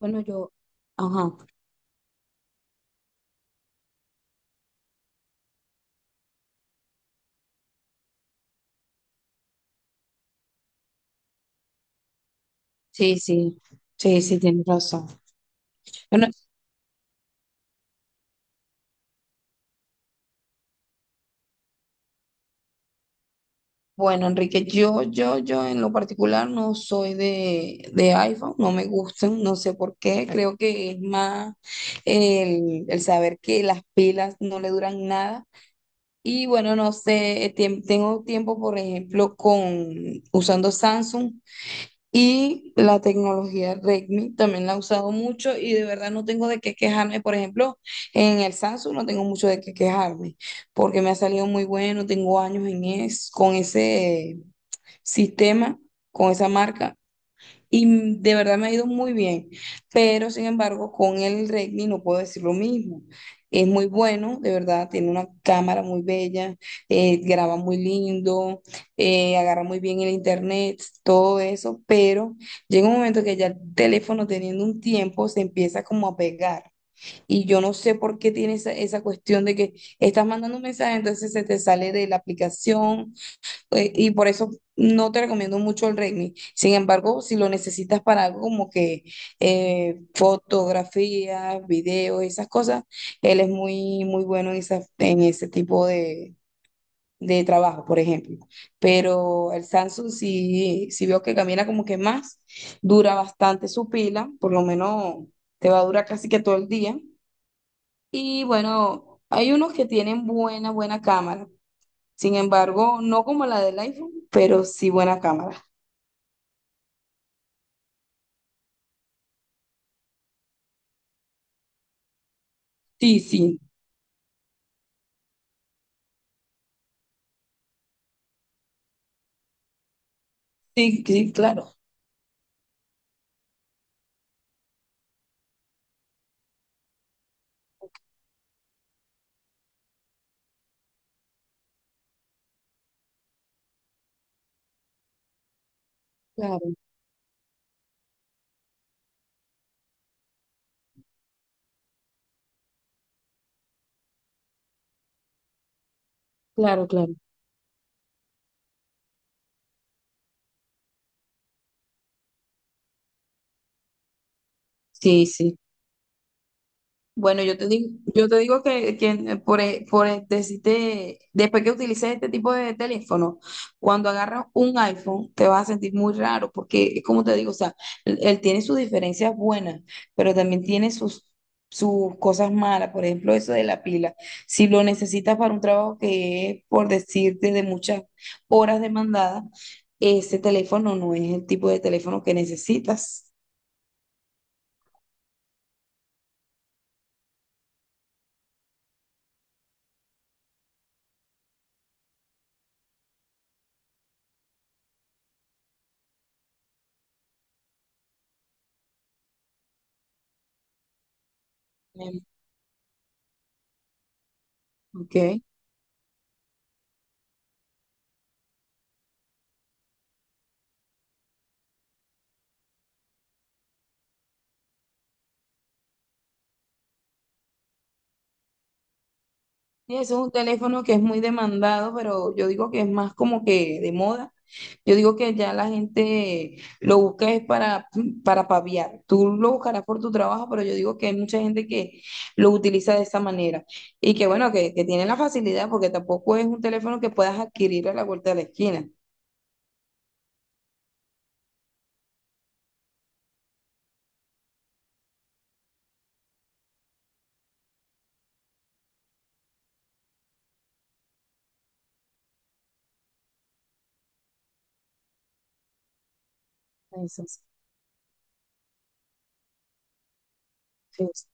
Bueno, yo, ajá, sí, sí, sí, sí, tienes razón. Bueno, bueno, Enrique, yo en lo particular no soy de iPhone, no me gustan, no sé por qué, creo que es más el saber que las pilas no le duran nada. Y bueno, no sé, tengo tiempo, por ejemplo, con usando Samsung. Y la tecnología Redmi también la he usado mucho y de verdad no tengo de qué quejarme. Por ejemplo, en el Samsung no tengo mucho de qué quejarme porque me ha salido muy bueno, tengo años en es, con ese sistema, con esa marca. Y de verdad me ha ido muy bien, pero sin embargo con el Redmi no puedo decir lo mismo. Es muy bueno, de verdad, tiene una cámara muy bella, graba muy lindo, agarra muy bien el internet, todo eso, pero llega un momento que ya el teléfono teniendo un tiempo se empieza como a pegar. Y yo no sé por qué tiene esa cuestión de que estás mandando un mensaje, entonces se te sale de la aplicación, y por eso no te recomiendo mucho el Redmi. Sin embargo, si lo necesitas para algo como que fotografías, videos, esas cosas, él es muy, muy bueno en, en ese tipo de trabajo, por ejemplo. Pero el Samsung sí, sí veo que camina como que más, dura bastante su pila, por lo menos te va a durar casi que todo el día. Y bueno, hay unos que tienen buena, buena cámara. Sin embargo, no como la del iPhone, pero sí buena cámara. Sí, sí, sí, sí, claro, claro, claro, claro. Sí, sí. Bueno, yo te digo que por, por decirte, después que utilices este tipo de teléfono, cuando agarras un iPhone, te vas a sentir muy raro, porque es como te digo, o sea, él tiene sus diferencias buenas, pero también tiene sus, sus cosas malas, por ejemplo, eso de la pila. Si lo necesitas para un trabajo que es, por decirte, de muchas horas demandadas, ese teléfono no es el tipo de teléfono que necesitas. Em, Ok. Sí, ese es un teléfono que es muy demandado, pero yo digo que es más como que de moda. Yo digo que ya la gente lo busca es para paviar. Tú lo buscarás por tu trabajo, pero yo digo que hay mucha gente que lo utiliza de esa manera. Y que bueno, que tiene la facilidad, porque tampoco es un teléfono que puedas adquirir a la vuelta de la esquina. Eso sí, sí.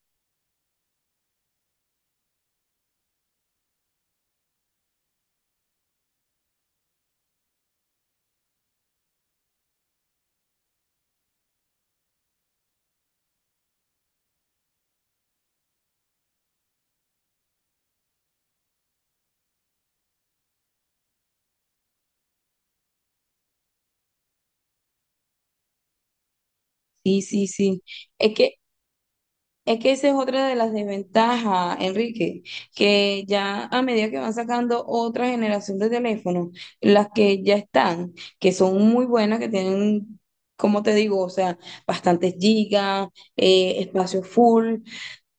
Sí, sí, sí. Es que es que esa es otra de las desventajas, Enrique, que ya a medida que van sacando otra generación de teléfonos, las que ya están, que son muy buenas, que tienen, como te digo, o sea, bastantes gigas, espacio full,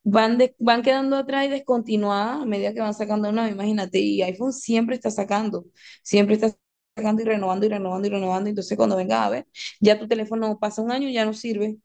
van, van quedando atrás y descontinuadas a medida que van sacando una, imagínate, y iPhone siempre está sacando y renovando y renovando y renovando, entonces cuando venga a ver, ya tu teléfono pasa un año y ya no sirve.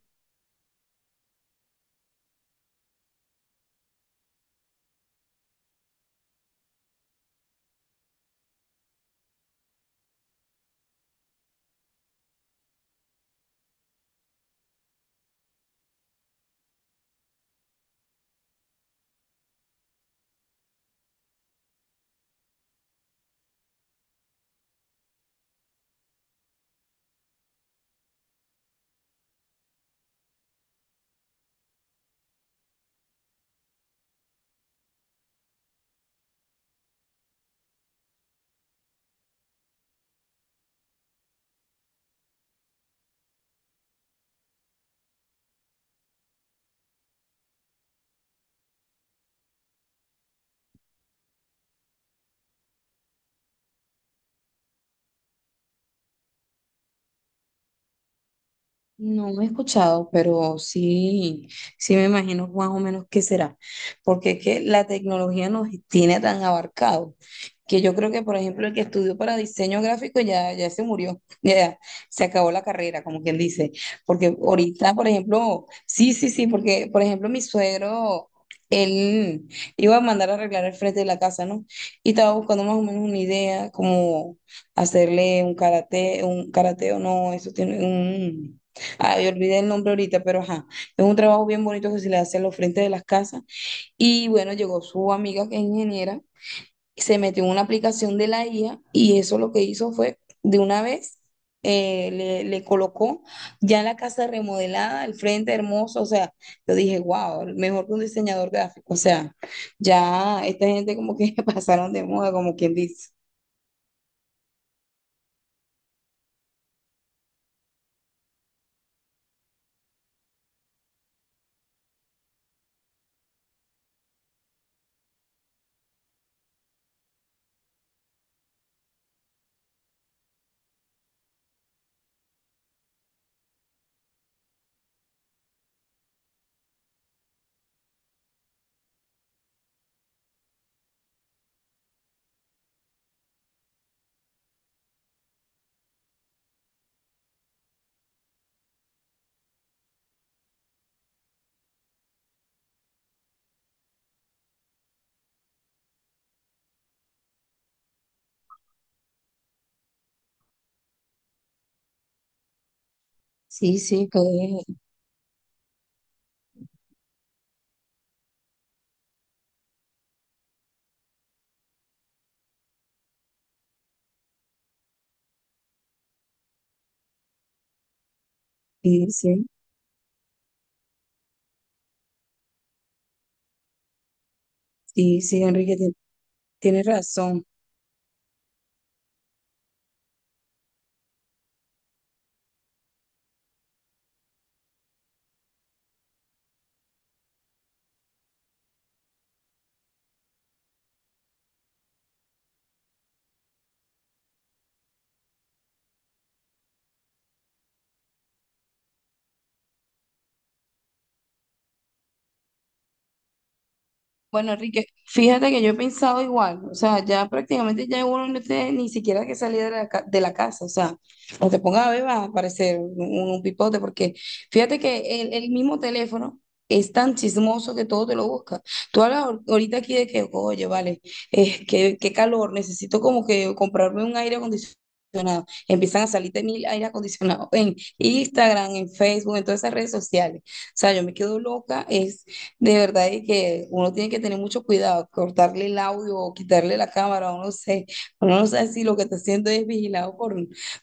No he escuchado, pero sí, sí me imagino más o menos qué será, porque es que la tecnología nos tiene tan abarcado que yo creo que, por ejemplo, el que estudió para diseño gráfico ya, ya se murió, ya se acabó la carrera, como quien dice, porque ahorita, por ejemplo, sí, sí, sí, porque, por ejemplo, mi suegro, él iba a mandar a arreglar el frente de la casa, ¿no? Y estaba buscando más o menos una idea, como hacerle un karate o no, eso tiene un... Ay, olvidé el nombre ahorita, pero ajá, es un trabajo bien bonito que se le hace a los frentes de las casas. Y bueno, llegó su amiga que es ingeniera, se metió en una aplicación de la IA y eso lo que hizo fue, de una vez, le colocó ya la casa remodelada, el frente hermoso, o sea, yo dije, wow, mejor que un diseñador gráfico, o sea, ya esta gente como que pasaron de moda, como quien dice. Sí, sí, pues, sí, sí, sí, sí, Enrique, tienes razón. Bueno, Enrique, fíjate que yo he pensado igual, o sea, ya prácticamente ya uno no tiene ni siquiera que salir de la, de la casa, o sea, o te pongas a beber va a aparecer un pipote, porque fíjate que el mismo teléfono es tan chismoso que todo te lo busca. Tú hablas ahorita aquí de que, oye, vale, qué, qué calor, necesito como que comprarme un aire acondicionado. Empiezan a salir de mil aire acondicionado en Instagram, en Facebook, en todas esas redes sociales. O sea, yo me quedo loca, de verdad, y que uno tiene que tener mucho cuidado, cortarle el audio o quitarle la cámara, uno no sé, uno no sabe si lo que está haciendo es vigilado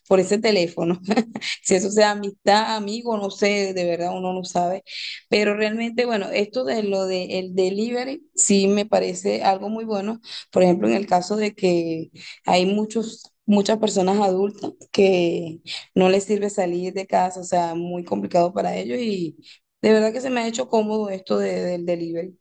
por ese teléfono. Si eso sea amistad, amigo, no sé, de verdad uno no sabe. Pero realmente, bueno, esto de lo del delivery sí me parece algo muy bueno. Por ejemplo, en el caso de que hay muchos... Muchas personas adultas que no les sirve salir de casa, o sea, muy complicado para ellos y, de verdad que se me ha hecho cómodo esto del delivery.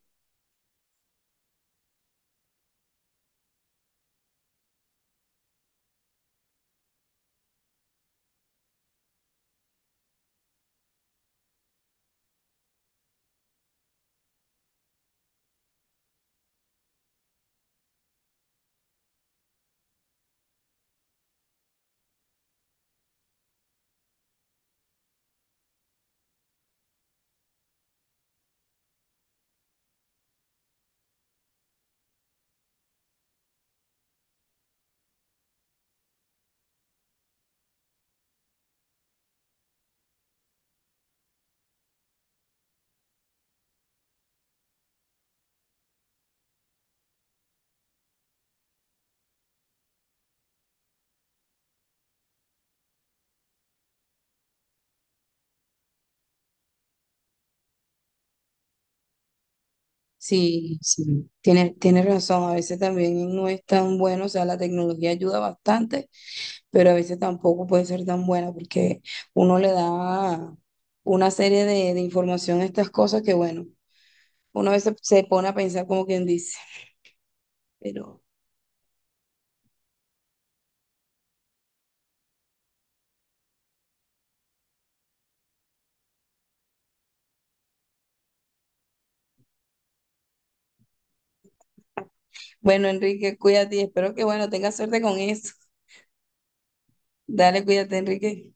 Sí, sí, tiene tiene razón. A veces también no es tan bueno, o sea, la tecnología ayuda bastante, pero a veces tampoco puede ser tan buena porque uno le da una serie de información a estas cosas que, bueno, uno a veces se pone a pensar como quien dice. Pero bueno, Enrique, cuídate y espero que, bueno, tengas suerte con eso. Dale, cuídate, Enrique.